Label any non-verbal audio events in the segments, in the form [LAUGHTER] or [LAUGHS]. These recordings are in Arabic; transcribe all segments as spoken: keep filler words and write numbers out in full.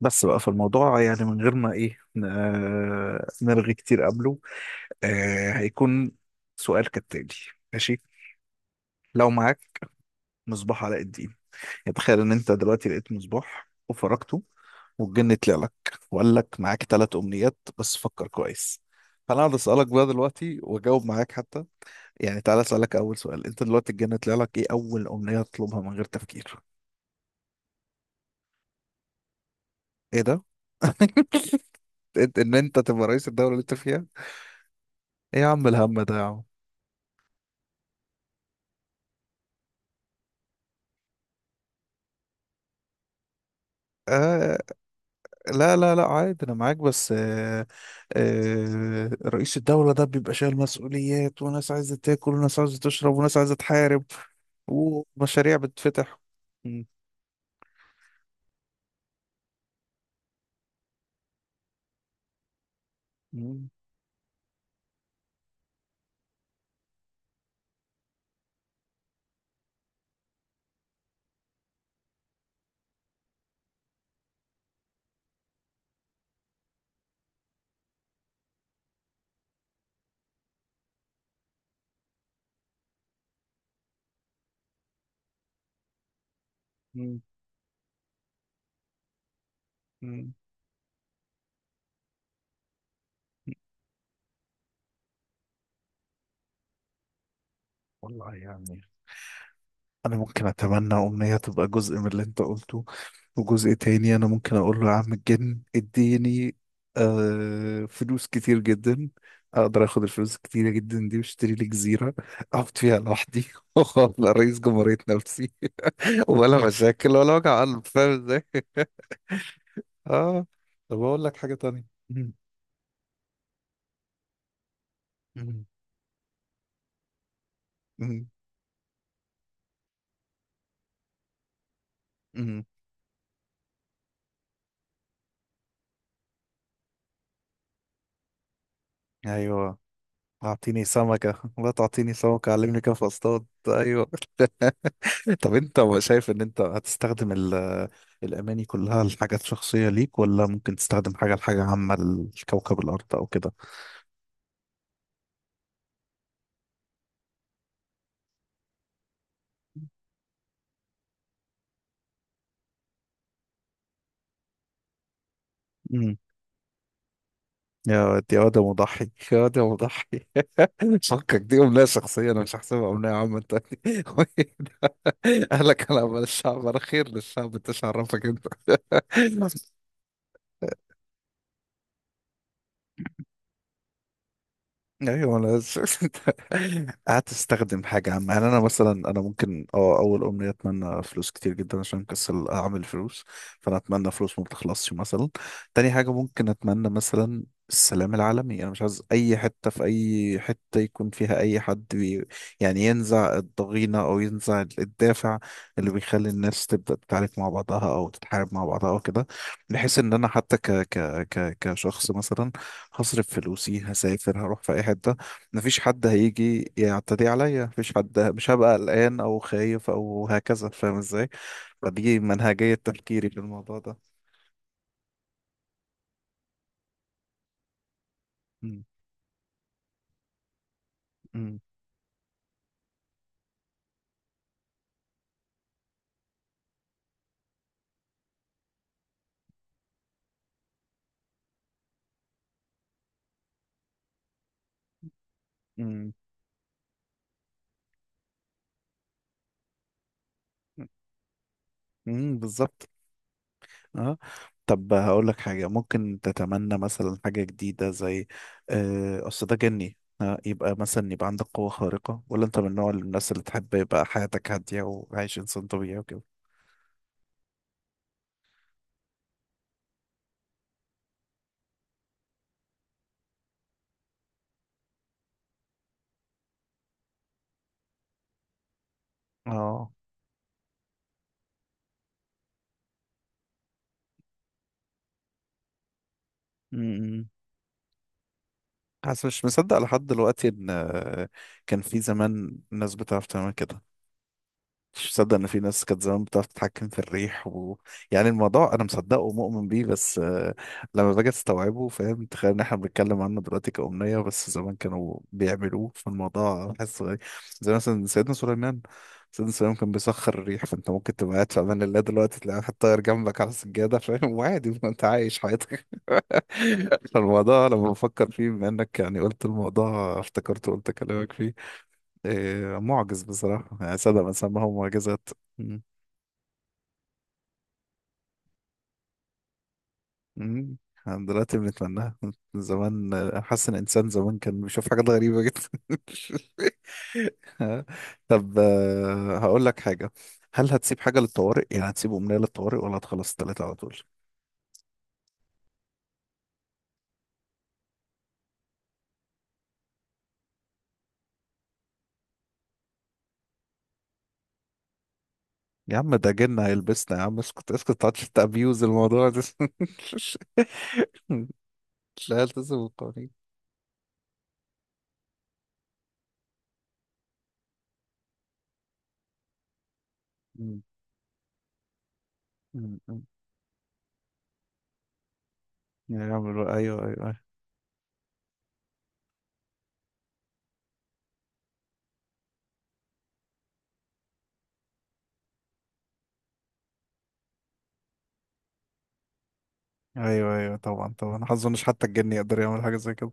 بس بقى في الموضوع، يعني، من غير ما ايه ن- آه، نرغي كتير قبله. آه، هيكون سؤال كالتالي. ماشي. لو معاك مصباح علاء الدين، تخيل ان انت دلوقتي لقيت مصباح وفركته، والجن طلع لك وقال لك معاك ثلاث امنيات، بس فكر كويس. فانا هقعد اسالك بقى دلوقتي واجاوب معاك حتى، يعني تعالى اسالك اول سؤال. انت دلوقتي الجن طلع لك، ايه اول امنية تطلبها من غير تفكير؟ ايه ده؟ [LAUGHS] إنت- ان انت تبقى رئيس الدولة اللي انت فيها؟ ايه يا عم الهم ده يا عم. آه، لا لا لا، عادي، انا معاك، بس آه آه رئيس الدولة ده بيبقى شايل مسؤوليات، وناس عايزة تاكل وناس عايزة تشرب وناس عايزة تحارب ومشاريع بتفتح. م- م- م- م- والله يعني انا ممكن اتمنى امنية تبقى جزء من اللي انت قلته، وجزء تاني انا ممكن اقول له: يا عم الجن اديني آه فلوس كتير جدا. اقدر اخد الفلوس الكتيرة جدا دي واشتري لي جزيرة اقعد فيها لوحدي، [LAUGHS] وابقى رئيس جمهورية نفسي، ولا [LAUGHS] مشاكل ولا وجع قلب. فاهم ازاي؟ اه. طب اقول لك حاجة تانية. مم. مم. مم. مم. ايوه، اعطيني سمكة، لا تعطيني سمكة علمني كيف اصطاد. ايوه. [LAUGHS] طب انت شايف ان انت هتستخدم ال- الاماني كلها لحاجات شخصية ليك، ولا ممكن تستخدم حاجة لحاجة عامة لكوكب الارض او كده؟ مم. يا واد يا واد يا مضحي، يا واد يا مضحي. [LAUGHS] فكك، دي أمنية شخصية أنا مش هحسبها أمنية عامة [LAUGHS] تاني. [LAUGHS] أهلا، كلام الشعب الأخير للشعب، أنت شعرفك أنت. [LAUGHS] ايوه، انا س- [LAUGHS] قعدت استخدم حاجه عامه. يعني انا مثلا انا ممكن اه اول امنيه اتمنى فلوس كتير جدا، عشان كسل اعمل فلوس، فانا اتمنى فلوس ما بتخلصش مثلا. تاني حاجه ممكن اتمنى مثلا السلام العالمي. انا مش عايز اي حته في اي حته يكون فيها اي حد بي، يعني ينزع الضغينه او ينزع الدافع اللي بيخلي الناس تبدا تتعارك مع بعضها او تتحارب مع بعضها او كده، بحيث ان انا حتى ك ك ك كشخص مثلا هصرف فلوسي، هسافر هروح في اي حته، مفيش حد هيجي يعتدي عليا، مفيش حد، مش هبقى قلقان او خايف او هكذا. فاهم ازاي؟ فدي منهجيه تفكيري في الموضوع ده. مم. مم. مم. مم. بالظبط. اه، طب هقول لك حاجه ممكن تتمنى مثلا حاجه جديده. زي آه، اصل ده جني، آه، يبقى مثلا يبقى عندك قوه خارقه، ولا انت من نوع الناس اللي تحب يبقى حياتك هاديه وعايش انسان طبيعي وكده؟ اه. مم. حاسس مش مصدق لحد دلوقتي ان آه، كان في زمان ناس بتعرف تعمل كده. مش مصدق ان في ناس كانت زمان بتعرف تتحكم في الريح و... يعني الموضوع انا مصدقه ومؤمن بيه، بس آه، لما باجي استوعبه فاهم، تخيل ان احنا بنتكلم عنه دلوقتي كأمنية، بس زمان كانوا بيعملوه، فالموضوع بحس غريب. زي مثلا سيدنا سليمان سيدنا سليمان كان بيسخر الريح، فانت ممكن تبقى قاعد في امان الله دلوقتي تلاقي واحد طاير جنبك على السجادة، فاهم؟ [LAUGHS] وعادي، انت عايش حياتك. الموضوع لما بفكر فيه، بما انك يعني قلت الموضوع افتكرته قلت كلامك فيه، إيه معجز بصراحة. يعني صدق من سماهم معجزات. مم. مم. احنا دلوقتي بنتمناها. زمان، آه، حاسس ان الانسان زمان كان بيشوف حاجات غريبة جدا. [LAUGHS] آه، طب آه، هقول لك حاجة. هل هتسيب حاجة للطوارئ؟ يعني هتسيب أمنية للطوارئ ولا هتخلص التلاتة على طول؟ يا عم ده جنة هيلبسنا يا عم، اسكت اسكت متقعدش تأبيوز الموضوع ده. [LAUGHS] لا، التزم بالقوانين. م- م. يعملوا، ايوه ايوه ايوه. ايوه ايوه طبعا طبعا، ما اظنش حتى الجني يقدر يعمل حاجه زي كده.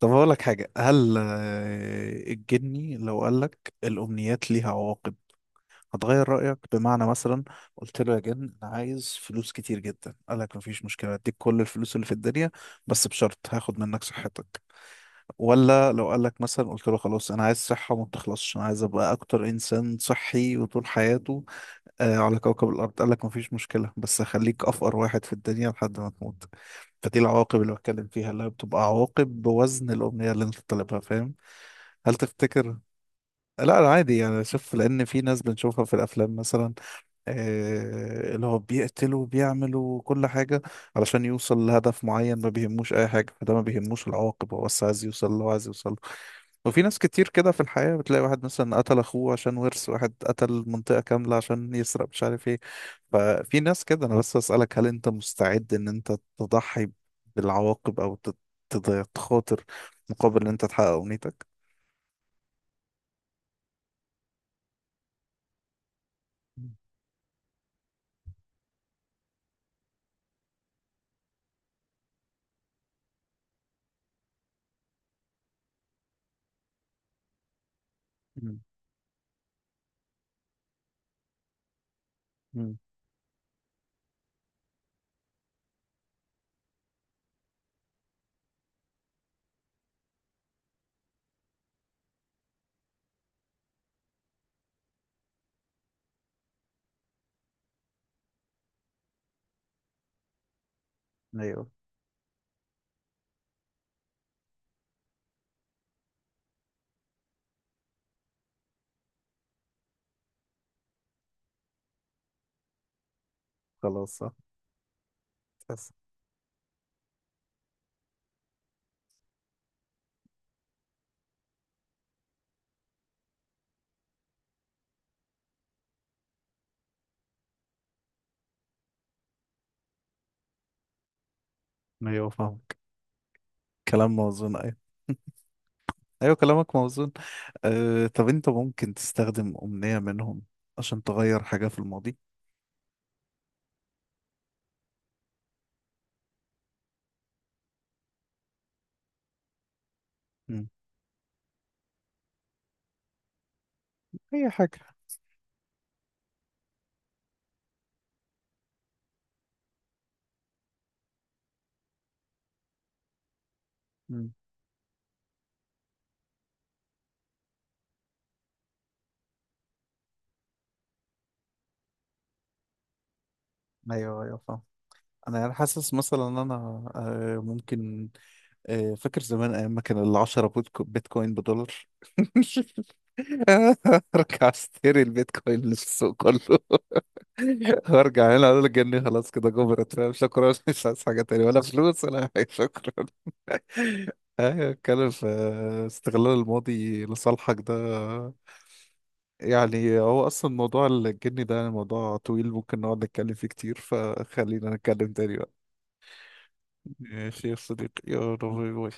طب اقول لك حاجه، هل آه، الجني لو قال لك الامنيات ليها عواقب، هتغير رايك؟ بمعنى مثلا قلت له: يا جن انا عايز فلوس كتير جدا، قال لك مفيش مشكله اديك كل الفلوس اللي في الدنيا، بس بشرط هاخد منك صحتك. ولا لو قال لك مثلا، قلت له خلاص انا عايز صحه ما تخلصش، انا عايز ابقى اكتر انسان صحي وطول حياته آه على كوكب الأرض، قال لك مفيش مشكلة بس خليك أفقر واحد في الدنيا لحد ما تموت. فدي العواقب اللي بتكلم فيها، اللي هي بتبقى عواقب بوزن الأمنية اللي أنت طالبها. فاهم؟ هل تفتكر؟ لا لا، عادي يعني. شوف، لأن في ناس بنشوفها في الأفلام مثلا، آه اللي هو بيقتلوا وبيعملوا كل حاجة علشان يوصل لهدف معين، ما بيهموش أي حاجة. فده ما بيهموش العواقب، هو بس عايز يوصل اللي هو عايز يوصل. وفي ناس كتير كده في الحياة، بتلاقي واحد مثلا قتل أخوه عشان ورث، واحد قتل منطقة كاملة عشان يسرق، مش عارف ايه. ففي ناس كده. أنا بس أسألك، هل أنت مستعد إن أنت تضحي بالعواقب، أو تت- تت- تخاطر مقابل إن أنت تحقق أمنيتك؟ مم. مم. مم. أيوه، خلاص صح. تحس. أيوه فاهمك. كلام موزون. أيوه أيوه، كلامك موزون. أه، طب أنت ممكن تستخدم أمنية منهم عشان تغير حاجة في الماضي؟ مم. أي حاجة. مم. أيوه أيوه فاهم. انا يعني حاسس مثلا ان انا آه، ممكن آه، فاكر زمان ايام ما كان العشرة بوتكو- بيتكوين بدولار. [LAUGHS] ارجع اشتري البيتكوين اللي في السوق كله. [LAUGHS] وارجع هنا اقول الجنيه: خلاص كده جبرت، فاهم؟ شكرا، [LAUGHS] مش عايز حاجة تانية ولا فلوس ولا حاجة، شكرا. [LAUGHS] ايوه، اتكلم في استغلال الماضي لصالحك ده. يعني هو اصلا موضوع الجني ده يعني موضوع طويل، ممكن نقعد نتكلم فيه كتير، فخلينا نتكلم تاني بقى. ماشي يا صديقي، يلا باي باي.